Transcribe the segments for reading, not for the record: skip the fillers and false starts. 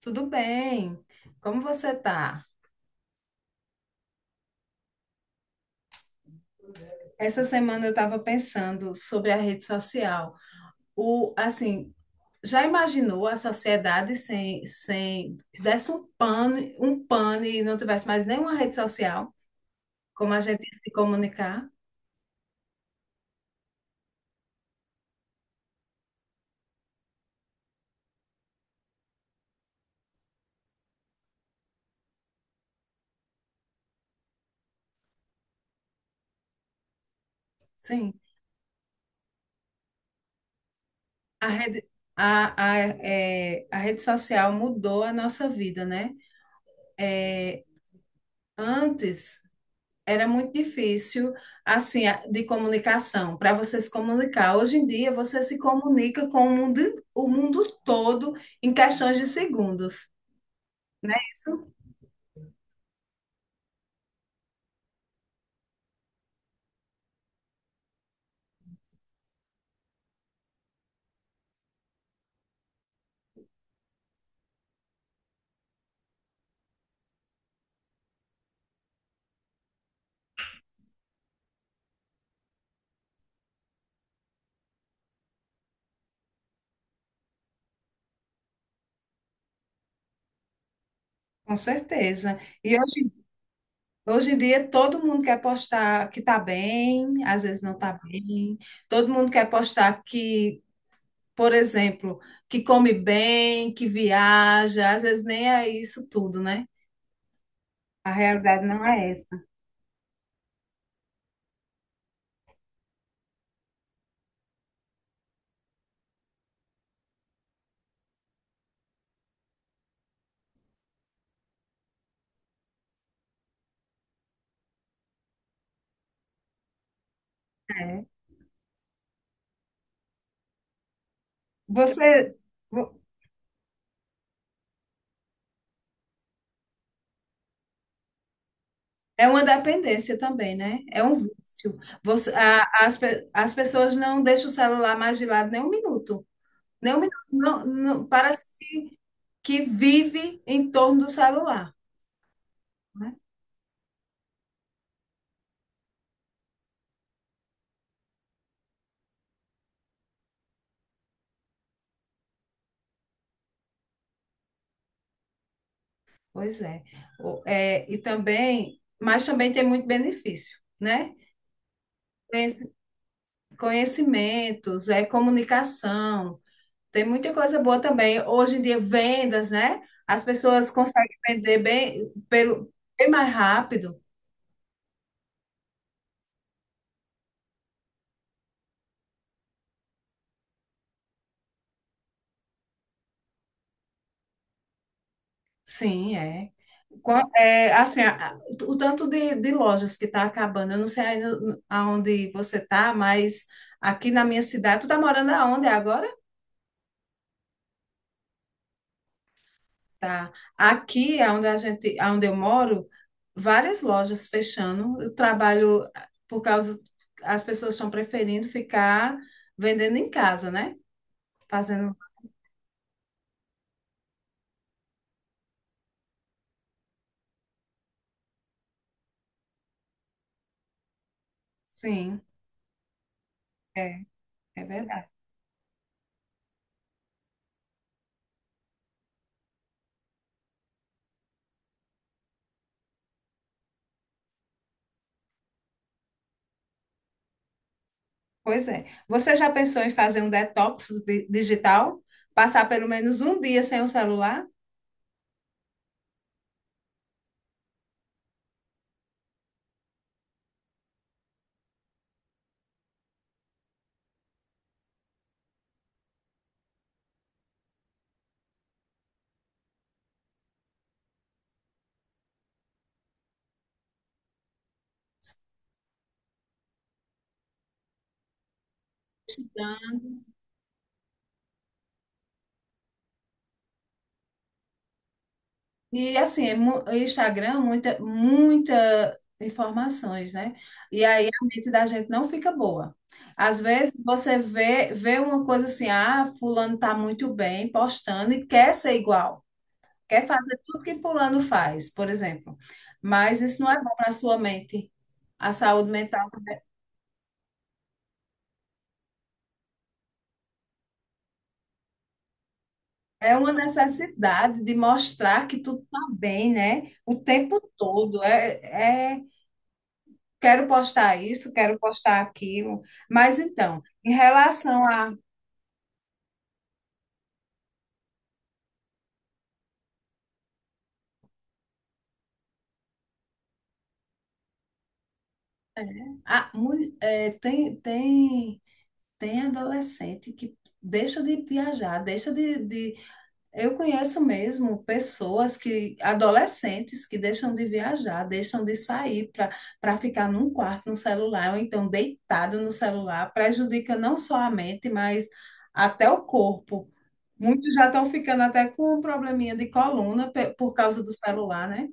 Tudo bem? Como você tá? Essa semana eu estava pensando sobre a rede social. O, assim, já imaginou a sociedade sem, se desse um pane e não tivesse mais nenhuma rede social? Como a gente ia se comunicar? Sim. A rede, a rede social mudou a nossa vida, né? É, antes era muito difícil, assim, de comunicação, para você se comunicar. Hoje em dia, você se comunica com o mundo todo em questões de segundos, né? Isso, com certeza. E hoje em dia, todo mundo quer postar que está bem, às vezes não está bem. Todo mundo quer postar que, por exemplo, que come bem, que viaja, às vezes nem é isso tudo, né? A realidade não é essa. É. Você. É uma dependência também, né? É um vício. As pessoas não deixam o celular mais de lado nem um minuto. Nem um minuto. Parece que vive em torno do celular, né? Pois é. E também, mas também tem muito benefício, né? Conheci- Conhecimentos, é comunicação, tem muita coisa boa também. Hoje em dia, vendas, né? As pessoas conseguem vender bem mais rápido. Sim, é. Qua- é, assim, a- a- o tanto de lojas que está acabando, eu não sei ainda aonde você está, mas aqui na minha cidade, tu está morando aonde agora? Tá. Aqui, aonde a gente, aonde eu moro, várias lojas fechando. Eu trabalho as pessoas estão preferindo ficar vendendo em casa, né? Fazendo, sim, é, é verdade. Pois é. Você já pensou em fazer um digital? Passar pelo menos um dia sem o celular? E assim, o Instagram, muita informações, né? E aí a mente da gente não fica boa. Às vezes você vê uma coisa assim, ah, fulano tá muito bem postando e quer ser igual, quer fazer tudo que fulano faz, por exemplo. Mas isso não é bom para a sua mente. A saúde mental. É uma necessidade de mostrar que tudo está bem, né? O tempo todo. Quero postar isso, quero postar aquilo. Mas então, em relação a mul- é, tem, tem, tem adolescente que deixa de viajar, deixa de eu conheço mesmo pessoas que, adolescentes que deixam de viajar, deixam de sair para ficar num quarto no celular, ou então deitado no celular, prejudica não só a mente, mas até o corpo. Muitos já estão ficando até com um probleminha de coluna por causa do celular, né?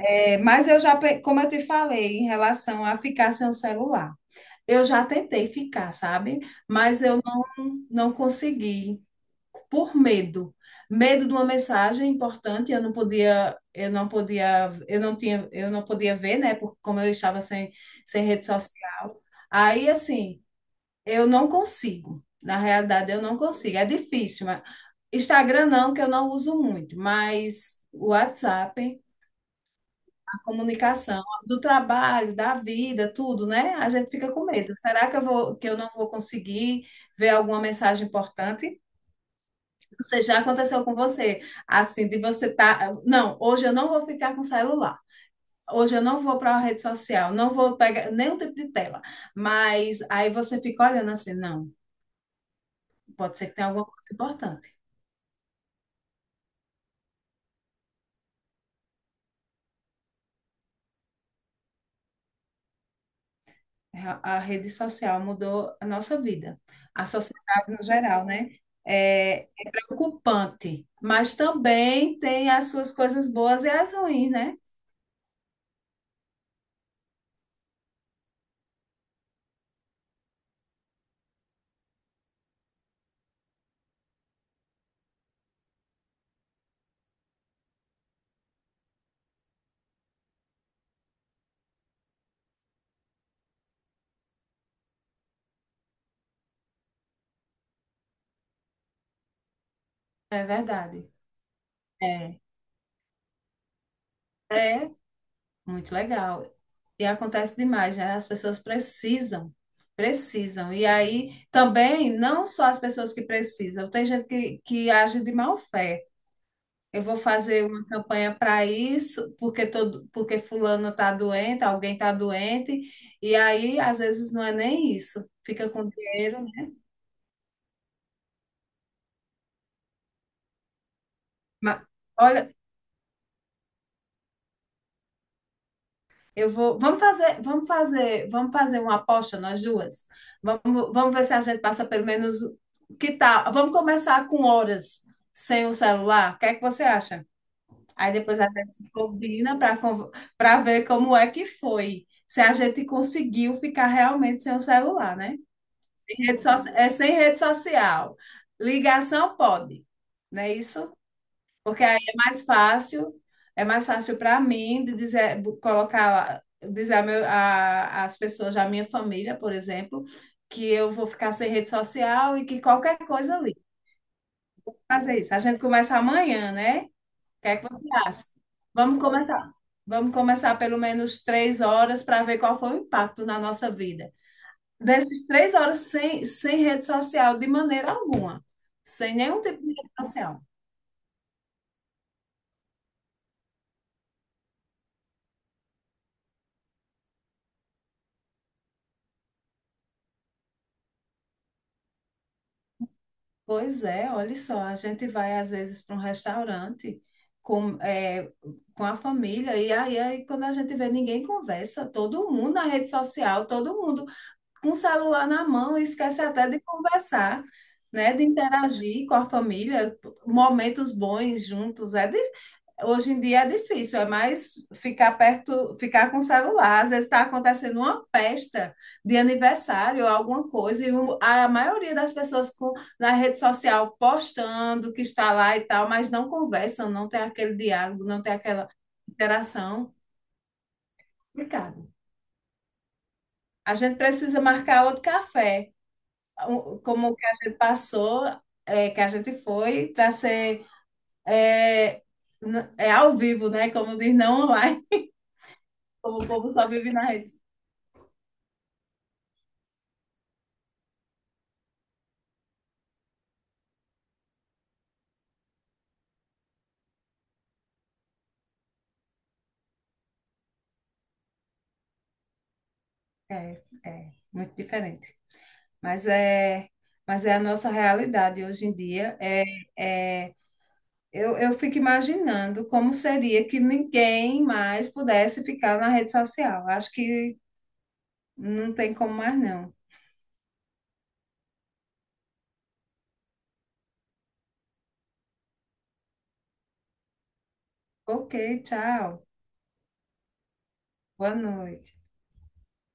Como eu te falei, em relação a ficar sem o celular, eu já tentei ficar, sabe? Mas eu não consegui por medo. Medo de uma mensagem importante, eu não podia, eu não podia, eu não tinha, eu não podia ver, né? Porque como eu estava sem rede social. Aí, assim, eu não consigo. Na realidade, eu não consigo. É difícil, mas Instagram não, que eu não uso muito, mas o WhatsApp, a comunicação do trabalho, da vida, tudo, né? A gente fica com medo. Será que eu não vou conseguir ver alguma mensagem importante? Você já aconteceu com você, assim, não, hoje eu não vou ficar com celular. Hoje eu não vou para a rede social, não vou pegar nenhum tipo de tela. Mas aí você fica olhando assim, não, pode ser que tenha alguma coisa importante. A rede social mudou a nossa vida, a sociedade no geral, né? Preocupante, mas também tem as suas coisas boas e as ruins, né? É verdade. É, é muito legal. E acontece demais, né? As pessoas precisam. E aí também, não só as pessoas que precisam, tem gente que age de má fé. Eu vou fazer uma campanha para isso, porque todo, porque fulano está doente, alguém está doente, e aí às vezes não é nem isso, fica com dinheiro, né? Mas, olha, eu vou. Vamos fazer uma aposta nós duas. Vamos ver se a gente passa pelo menos. Que tal? Vamos começar com horas sem o celular. O que é que você acha? Aí depois a gente combina para ver como é que foi. Se a gente conseguiu ficar realmente sem o celular, né? Sem rede social. Ligação pode, não é isso? Porque aí é mais fácil para mim de dizer, colocar, dizer as pessoas da minha família, por exemplo, que eu vou ficar sem rede social e que qualquer coisa ali. Fazer isso. A gente começa amanhã, né? O que é que você acha? Vamos começar. Vamos começar pelo menos 3 horas para ver qual foi o impacto na nossa vida. Dessas 3 horas sem rede social de maneira alguma, sem nenhum tipo de rede social. Pois é, olha só, a gente vai às vezes para um restaurante com, é, com a família e aí quando a gente vê ninguém conversa, todo mundo na rede social, todo mundo com o celular na mão, e esquece até de conversar, né, de interagir com a família, momentos bons juntos. É hoje em dia é difícil, é mais ficar perto, ficar com o celular. Às vezes está acontecendo uma festa de aniversário, ou alguma coisa, e a maioria das pessoas na rede social postando que está lá e tal, mas não conversam, não tem aquele diálogo, não tem aquela interação. Complicado. A gente precisa marcar outro café, como o que a gente passou, é, que a gente foi, para ser é, n- é ao vivo, né? Como diz, não online. Como o povo só vive na rede. É, é muito diferente. Mas é, mas é a nossa realidade hoje em dia. É, eu fico imaginando como seria que ninguém mais pudesse ficar na rede social. Acho que não tem como mais, não. Ok, tchau. Boa noite.